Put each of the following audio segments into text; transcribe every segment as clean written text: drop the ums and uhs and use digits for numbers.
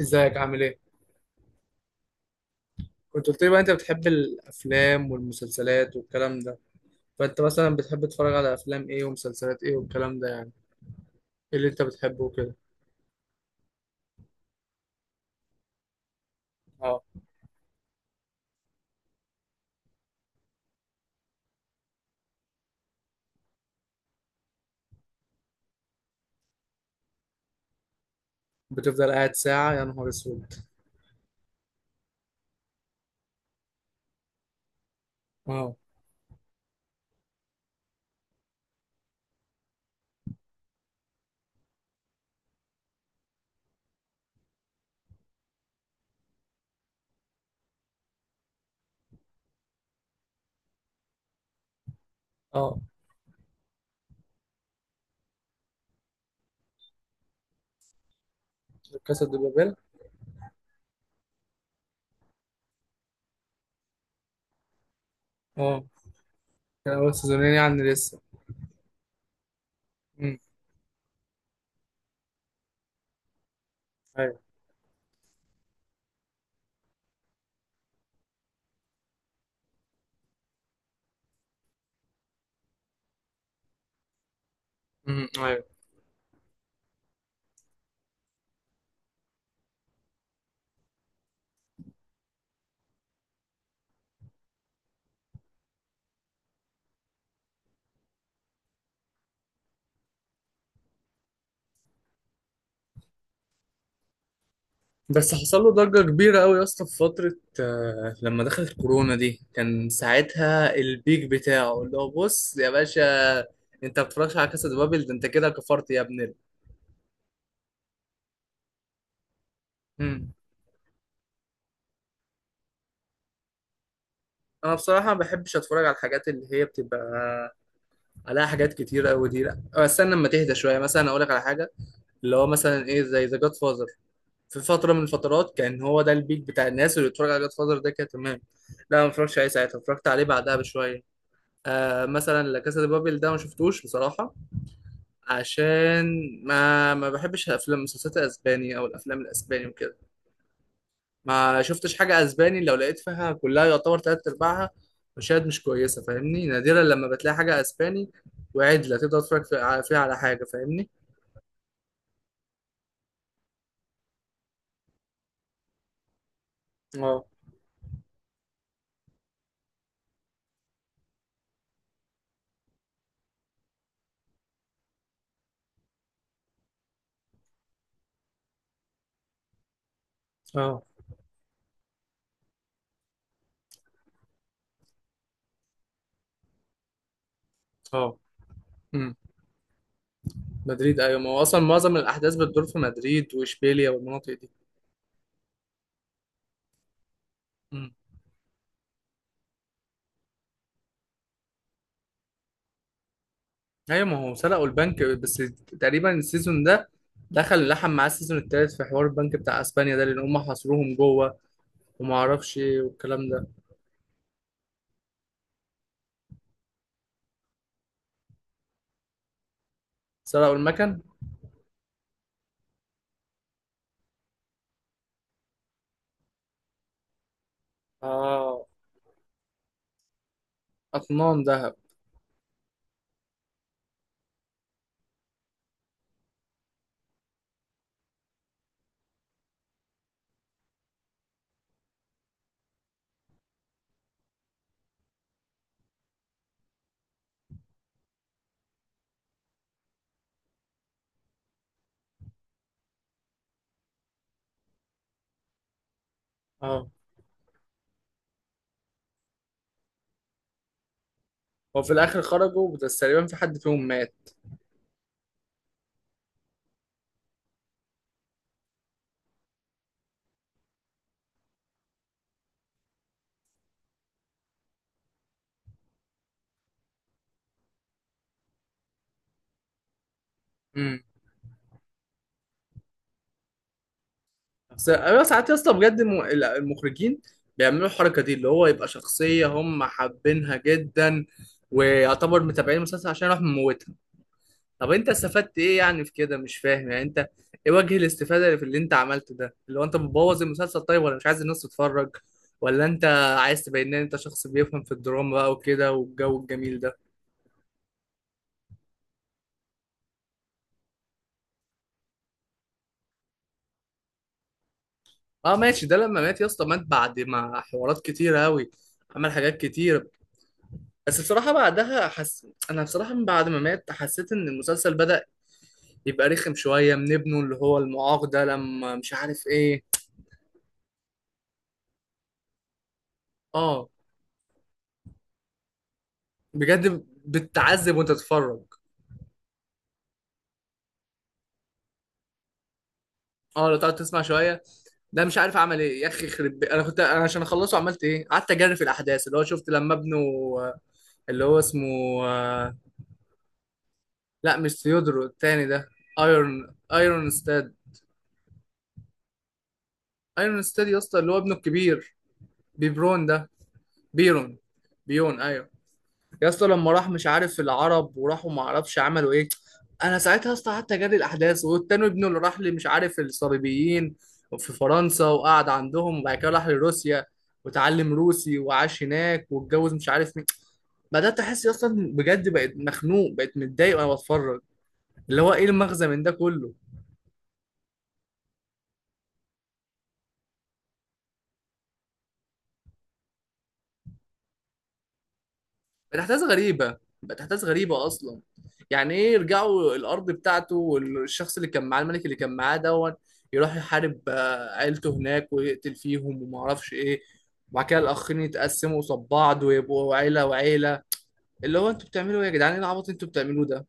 ازيك؟ عامل ايه؟ كنت قلت لي بقى انت بتحب الافلام والمسلسلات والكلام ده، فانت مثلا بتحب تتفرج على افلام ايه ومسلسلات ايه والكلام ده؟ يعني ايه اللي انت بتحبه وكده؟ اه. بتفضل قاعد ساعة يا نهار اسود؟ اه. اه. كاسا دي بابيل. اه، كان اول سيزونين يعني لسه. امم، ايوه. امم، ايوه. بس حصل له ضجة كبيرة قوي يا اسطى في فترة، لما دخلت كورونا دي كان ساعتها البيك بتاعه اللي هو بص يا باشا. انت ما بتتفرجش على كاسا دي بابل ده؟ انت كده كفرت يا ابن. امم. انا بصراحه ما بحبش اتفرج على الحاجات اللي هي بتبقى عليها حاجات كتير قوي دي، لا استنى لما تهدى شويه مثلا اقول لك على حاجه. اللي هو مثلا ايه زي ذا جاد فازر، في فتره من الفترات كان هو ده البيك بتاع الناس اللي بتتفرج على جاد فازر، ده كان تمام. لا ما اتفرجتش عليه ساعتها، اتفرجت عليه بعدها بشويه. آه مثلا لا كاسا دي بابل ده ما شفتوش بصراحه، عشان ما بحبش الافلام المسلسلات الاسباني او الافلام الاسباني وكده. ما شفتش حاجة اسباني لو لقيت فيها كلها يعتبر تلات ارباعها مشاهد مش كويسة، فاهمني؟ نادرا لما بتلاقي حاجة اسباني وعدلة تقدر تتفرج فيها على حاجة، فاهمني؟ اه. اه. اه. امم. مدريد، ايوه، ما هو اصلا معظم الاحداث بتدور في مدريد واشبيليا والمناطق دي. امم. ايوه ما هو سرقوا البنك بس. تقريبا السيزون ده دخل لحم معاه السيزون التالت في حوار البنك بتاع اسبانيا ده، لان هم حاصروهم جوه وما اعرفش ايه والكلام ده. سرقوا المكن. اه. اطنان ذهب. اه. هو في الاخر خرجوا، بس تقريبا في حد فيهم مات. امم. بس انا ساعات يا اسطى بجد المخرجين بيعملوا الحركه دي، اللي هو يبقى شخصيه هم حابينها جدا ويعتبر متابعين المسلسل عشان يروح مموتها. طب انت استفدت ايه يعني في كده؟ مش فاهم يعني انت ايه وجه الاستفاده اللي في اللي انت عملته ده، اللي هو انت بتبوظ المسلسل؟ طيب ولا مش عايز الناس تتفرج؟ ولا انت عايز تبين ان انت شخص بيفهم في الدراما بقى وكده والجو الجميل ده؟ اه ماشي، ده لما مات يا اسطى مات بعد ما حوارات كتير قوي، عمل حاجات كتير. بس بصراحة بعدها أنا بصراحة من بعد ما مات حسيت إن المسلسل بدأ يبقى رخم شوية من ابنه اللي هو المعاق ده لما مش عارف إيه. آه. بجد بتتعذب وأنت تتفرج. آه، لو تقعد تسمع شوية ده مش عارف أعمل إيه يا أخي، أنا كنت، أنا عشان أخلصه عملت إيه؟ قعدت أجري في الأحداث، اللي هو شفت لما ابنه، آه، اللي هو اسمه، آه، لا مش ثيودرو التاني ده، ايرون ستاد. ايرون ستاد يا اسطى، اللي هو ابنه الكبير، بيبرون ده. بيرون. بيون، ايوه. يا اسطى لما راح مش عارف العرب وراحوا، ما اعرفش عملوا ايه. انا ساعتها يا اسطى قعدت اجري الاحداث، والتاني ابنه اللي راح لي مش عارف الصليبيين في فرنسا، وقعد عندهم وبعد كده راح لروسيا وتعلم روسي وعاش هناك واتجوز مش عارف مين. بدات احس اصلا، بجد بقيت مخنوق، بقيت متضايق وانا بتفرج، اللي هو ايه المغزى من ده كله؟ بقت احداث غريبه. بقت احداث غريبه اصلا. يعني ايه يرجعوا الارض بتاعته، والشخص اللي كان معاه الملك اللي كان معاه دون يروح يحارب عيلته هناك ويقتل فيهم وما اعرفش ايه، وبعد كده الاخرين يتقسموا قصاد بعض ويبقوا عيله وعيله؟ اللي هو انتوا بتعملوا ايه يا جدعان؟ ايه العبط اللي انتوا بتعملوه ده؟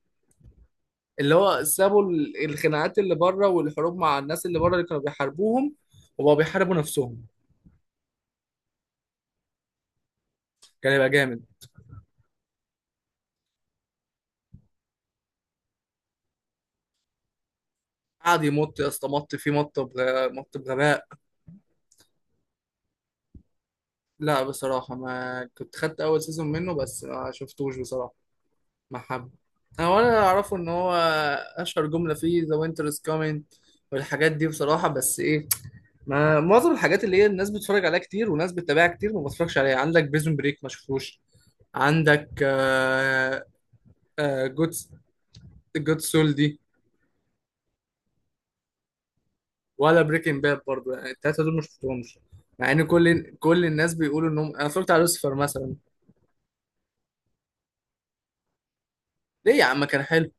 اللي هو سابوا الخناقات اللي بره والحروب مع الناس اللي بره اللي كانوا بيحاربوهم، وبقوا بيحاربوا نفسهم. كان يبقى جامد. قعد يمط يا اسطى، مط فيه، مط بغباء. لا بصراحة ما كنت، خدت أول سيزون منه بس ما شفتوش بصراحة. ما حب، أنا ولا أعرفه، إن هو أشهر جملة فيه The winter is coming والحاجات دي بصراحة، بس إيه؟ ما معظم الحاجات اللي هي الناس بتتفرج عليها كتير وناس بتتابعها كتير ما بتفرجش عليها. عندك بريزون بريك ما شفتوش، عندك جود، جود سول دي، ولا بريكنج باد برضه، يعني التلاتة دول ما شفتهمش، مع إن كل الناس بيقولوا إنهم. أنا اتفرجت على لوسيفر مثلا. ليه يا عم؟ كان حلو.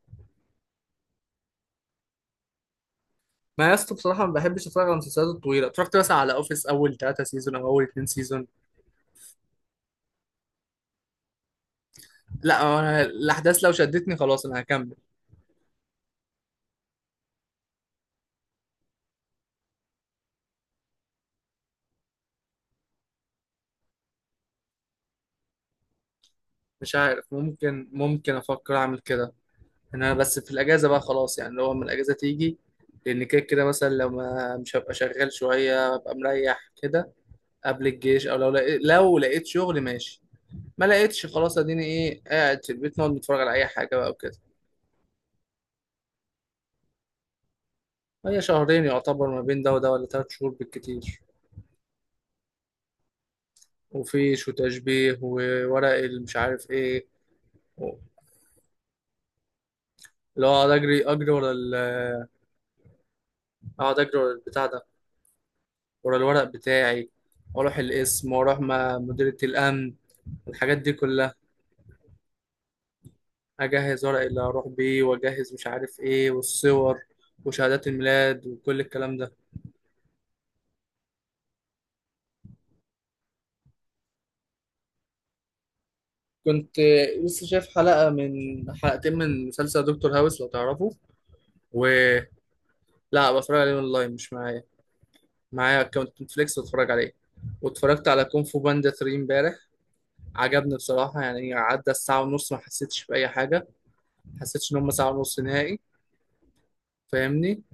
ما يا اسطى بصراحة ما بحبش اتفرج على المسلسلات الطويلة، اتفرجت مثلا على اوفيس اول ثلاثة سيزون او اول اتنين سيزون. لا هو أنا الاحداث لو شدتني خلاص انا هكمل. مش عارف، ممكن افكر اعمل كده، إن انا بس في الاجازة بقى خلاص، يعني لو لما الاجازة تيجي، لان كده كده مثلا لو ما مش هبقى شغال شوية ابقى مريح كده قبل الجيش، او لو لقيت، لو لقيت شغل ماشي، ما لقيتش خلاص، اديني ايه قاعد في البيت نقعد نتفرج على اي حاجة بقى وكده. هي شهرين يعتبر ما بين ده وده، ولا ثلاث شهور بالكتير. وفيش وتشبيه وورق المش عارف ايه. و- اللي هو اقعد اجري، اجري ورا ال اقعد اجري ورا البتاع ده، ورا الورق بتاعي، واروح القسم واروح مع مديرية الامن. الحاجات دي كلها، اجهز ورق اللي هروح بيه، واجهز مش عارف ايه، والصور وشهادات الميلاد وكل الكلام ده. كنت لسه شايف حلقة من، حلقتين من مسلسل دكتور هاوس، لو تعرفه. ولا بتفرج عليه اونلاين؟ مش معايا، معايا اكونت نتفليكس بتفرج عليه. واتفرجت على كونغ فو باندا 3 امبارح. عجبني بصراحة، يعني عدى الساعة ونص ما حسيتش بأي حاجة، ما حسيتش إن هم ساعة ونص نهائي، فاهمني؟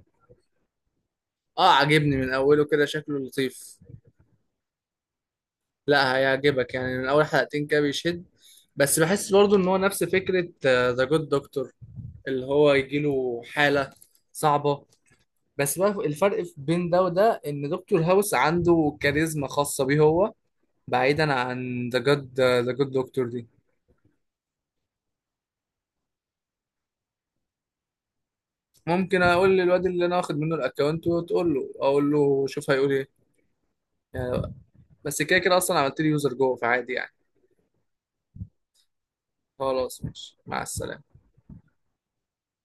اه عجبني من أوله كده، شكله لطيف. لا هيعجبك، يعني من أول حلقتين كده بيشد. بس بحس برضو إن هو نفس فكرة ذا جود دكتور، اللي هو يجيله حالة صعبة، بس بقى الفرق بين ده وده إن دكتور هاوس عنده كاريزما خاصة بيه هو، بعيدا عن ذا جود دكتور دي. ممكن اقول للواد اللي انا واخد منه الاكونت وتقول له، اقول له شوف هيقول ايه. يعني بس كده كده اصلا عملت لي يوزر جوه فعادي يعني. خلاص ماشي، مع السلامه.